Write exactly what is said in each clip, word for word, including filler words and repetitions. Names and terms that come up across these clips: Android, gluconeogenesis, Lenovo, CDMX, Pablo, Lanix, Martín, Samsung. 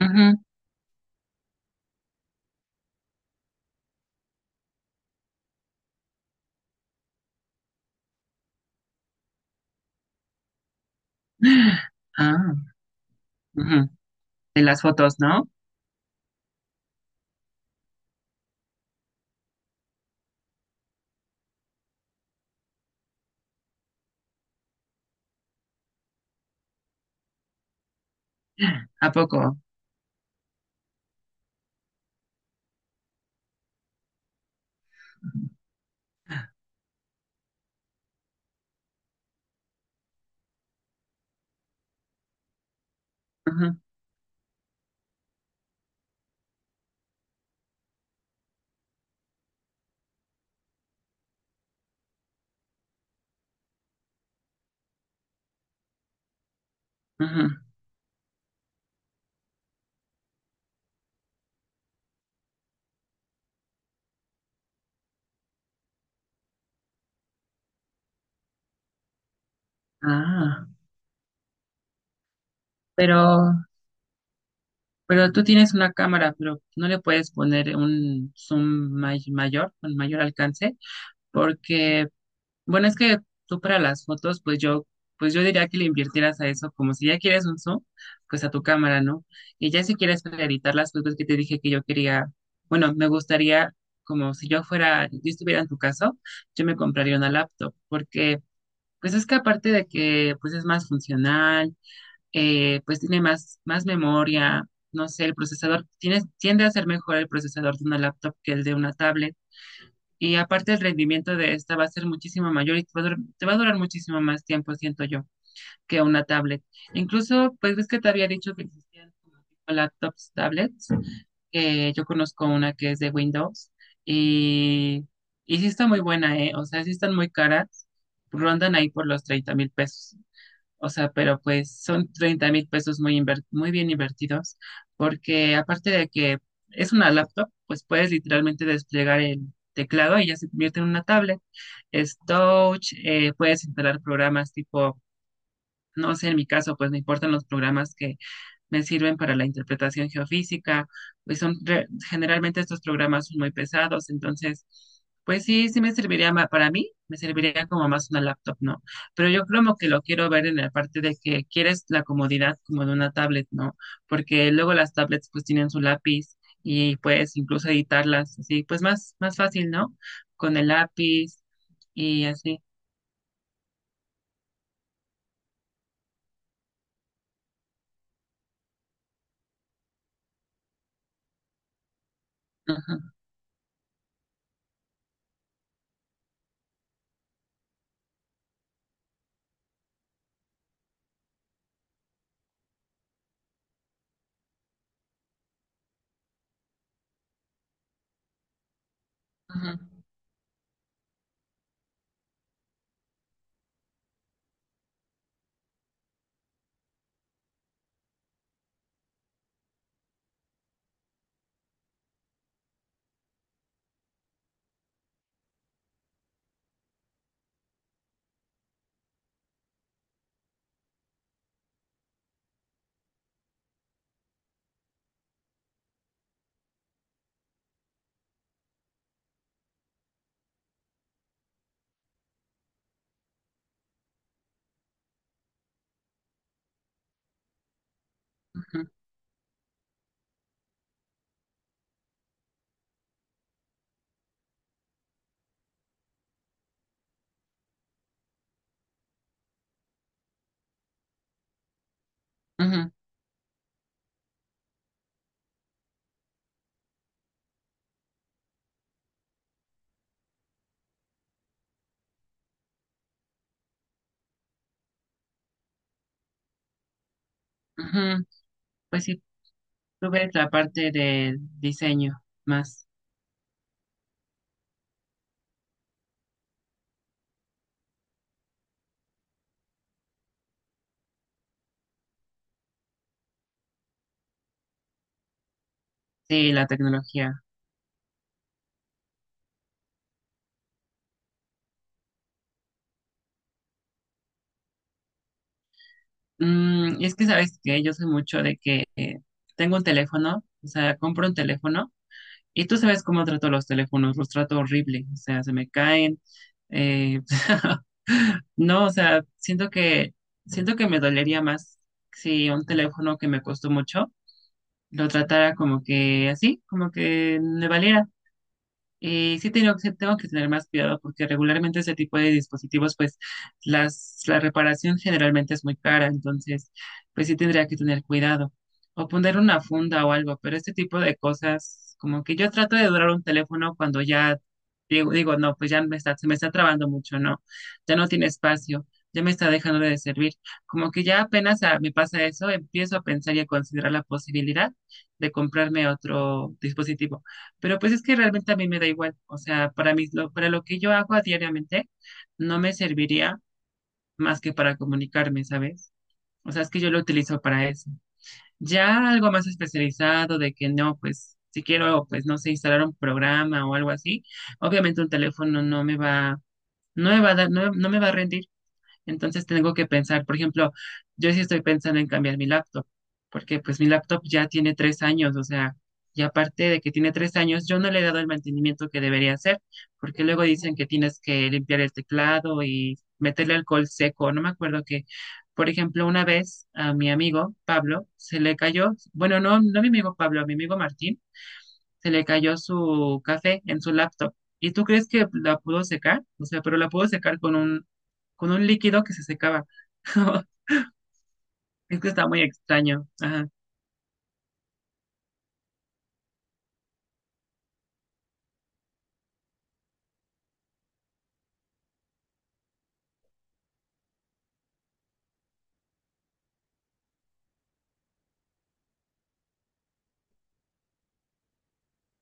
Ujú. Ah, ujú. De las fotos, ¿no? ¿A poco? Ujú, ujú. Ah, pero, pero tú tienes una cámara, pero no le puedes poner un zoom may- mayor, con mayor alcance, porque bueno, es que tú para las fotos, pues yo, pues yo diría que le invirtieras a eso, como si ya quieres un zoom, pues a tu cámara, ¿no? Y ya si quieres para editar las fotos que te dije que yo quería, bueno, me gustaría, como si yo fuera, yo estuviera en tu caso, yo me compraría una laptop, porque pues es que aparte de que pues es más funcional, eh, pues tiene más, más memoria, no sé, el procesador, tiene, tiende a ser mejor el procesador de una laptop que el de una tablet. Y aparte el rendimiento de esta va a ser muchísimo mayor y te va a durar, te va a durar muchísimo más tiempo, siento yo, que una tablet. Incluso, pues ves que te había dicho que existían como tipo laptops, tablets, que yo conozco una que es de Windows y, y sí está muy buena, ¿eh? O sea, sí están muy caras, rondan ahí por los treinta mil pesos. O sea, pero pues son treinta mil pesos muy, inver- muy bien invertidos, porque aparte de que es una laptop, pues puedes literalmente desplegar el teclado y ya se convierte en una tablet. Es touch, eh, puedes instalar programas tipo, no sé, en mi caso, pues me importan los programas que me sirven para la interpretación geofísica, pues son re- generalmente estos programas son muy pesados, entonces, pues sí, sí me serviría ma- para mí, me serviría como más una laptop, ¿no? Pero yo como que lo quiero ver en la parte de que quieres la comodidad como de una tablet, ¿no? Porque luego las tablets pues tienen su lápiz y puedes incluso editarlas así, pues más, más fácil, ¿no? Con el lápiz y así. Ujú, ujú, ujú, ujú, ujú. Pues sí, tú ves la parte del diseño más, sí, la tecnología. Mm, y es que sabes que yo soy mucho de que eh, tengo un teléfono, o sea, compro un teléfono y tú sabes cómo trato los teléfonos, los trato horrible, o sea, se me caen. eh, no, o sea, siento que, siento que me dolería más si un teléfono que me costó mucho lo tratara como que así, como que me valiera. Eh, sí tengo, sí tengo que tener más cuidado porque regularmente ese tipo de dispositivos, pues las, la reparación generalmente es muy cara, entonces pues sí tendría que tener cuidado o poner una funda o algo, pero este tipo de cosas, como que yo trato de durar un teléfono cuando ya digo, digo, no, pues ya me está, se me está trabando mucho, no, ya no tiene espacio, ya me está dejando de servir, como que ya apenas ah, me pasa eso, empiezo a pensar y a considerar la posibilidad de comprarme otro dispositivo pero pues es que realmente a mí me da igual. O sea, para mí, lo, para lo que yo hago a diariamente, no me serviría más que para comunicarme, ¿sabes? O sea, es que yo lo utilizo para eso. Ya algo más especializado de que no, pues si quiero, pues no sé, instalar un programa o algo así, obviamente un teléfono no me va, no me va a dar, no, no me va a rendir. Entonces tengo que pensar, por ejemplo, yo sí estoy pensando en cambiar mi laptop, porque pues mi laptop ya tiene tres años, o sea, y aparte de que tiene tres años, yo no le he dado el mantenimiento que debería hacer, porque luego dicen que tienes que limpiar el teclado y meterle alcohol seco, no me acuerdo que, por ejemplo, una vez a mi amigo Pablo se le cayó, bueno, no, no a mi amigo Pablo, a mi amigo Martín se le cayó su café en su laptop. ¿Y tú crees que la pudo secar? O sea, pero la pudo secar con un, con un líquido que se secaba. Es que está muy extraño. Ajá.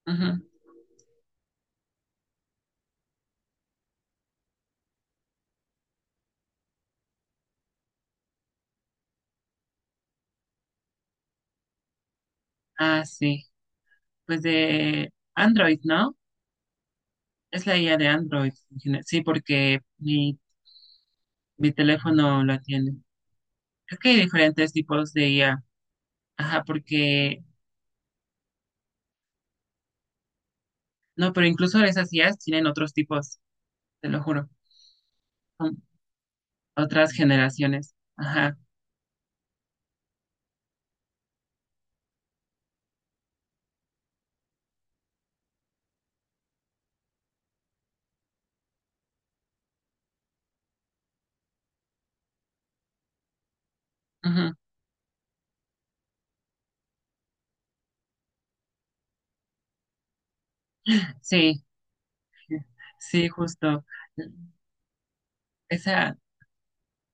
Ujú. Ah, sí. Pues de Android, ¿no? Es la I A de Android en general. Sí, porque mi, mi teléfono la tiene. Creo que hay diferentes tipos de I A. Ajá, porque... No, pero incluso esas I As tienen otros tipos, te lo juro. Son otras generaciones. Ajá. Ujú. Sí, sí, justo. Esa,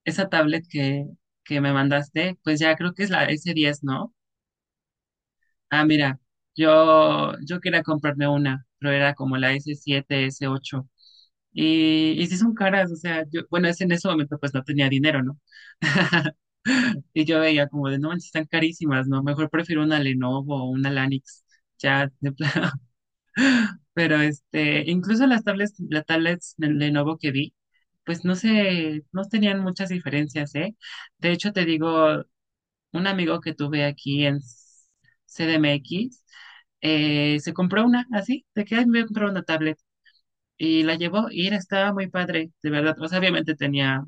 esa tablet que, que me mandaste, pues ya creo que es la s diez, ¿no? Ah, mira, yo, yo quería comprarme una, pero era como la s siete, s ocho. Y, y sí son caras, o sea, yo, bueno, es en ese momento pues no tenía dinero, ¿no? Y yo veía como de, no manches, están carísimas, ¿no? Mejor prefiero una Lenovo o una Lanix, ya de plano. Pero este, incluso las tablets, las tablets de Lenovo que vi, pues no sé, no tenían muchas diferencias, ¿eh? De hecho, te digo, un amigo que tuve aquí en C D M X, eh, se compró una así, de que "Ay, me compró una tablet y la llevó y era- estaba muy padre, de verdad". O sea, obviamente tenía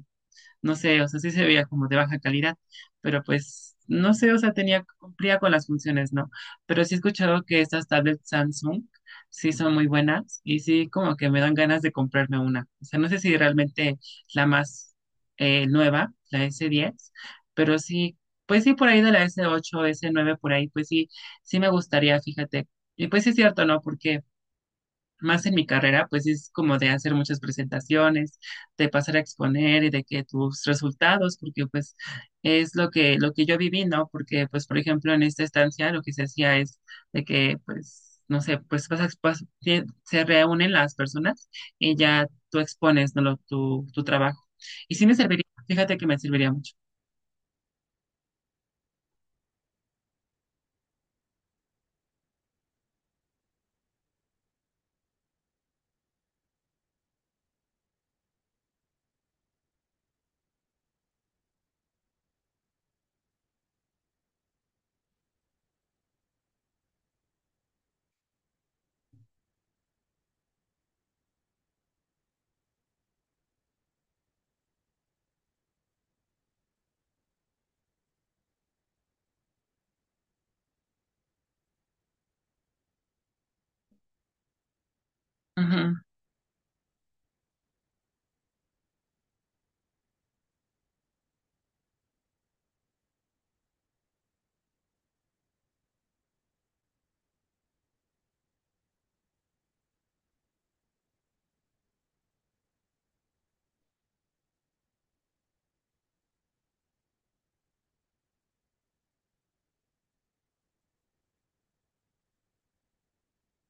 no sé, o sea, sí se veía como de baja calidad, pero pues no sé, o sea, tenía, cumplía con las funciones, ¿no? Pero sí he escuchado que estas tablets Samsung sí son muy buenas y sí como que me dan ganas de comprarme una. O sea, no sé si realmente la más eh, nueva, la S diez, pero sí, pues sí por ahí de la S ocho, S nueve, por ahí, pues sí, sí me gustaría, fíjate. Y pues sí es cierto, ¿no? Porque más en mi carrera, pues es como de hacer muchas presentaciones, de pasar a exponer y de que tus resultados, porque pues es lo que, lo que yo viví, ¿no? Porque pues, por ejemplo, en esta estancia lo que se hacía es de que pues... No sé, pues vas a expo- tie- se reúnen las personas y ya tú expones, ¿no? lo- tu, tu trabajo. Y sí me serviría, fíjate que me serviría mucho.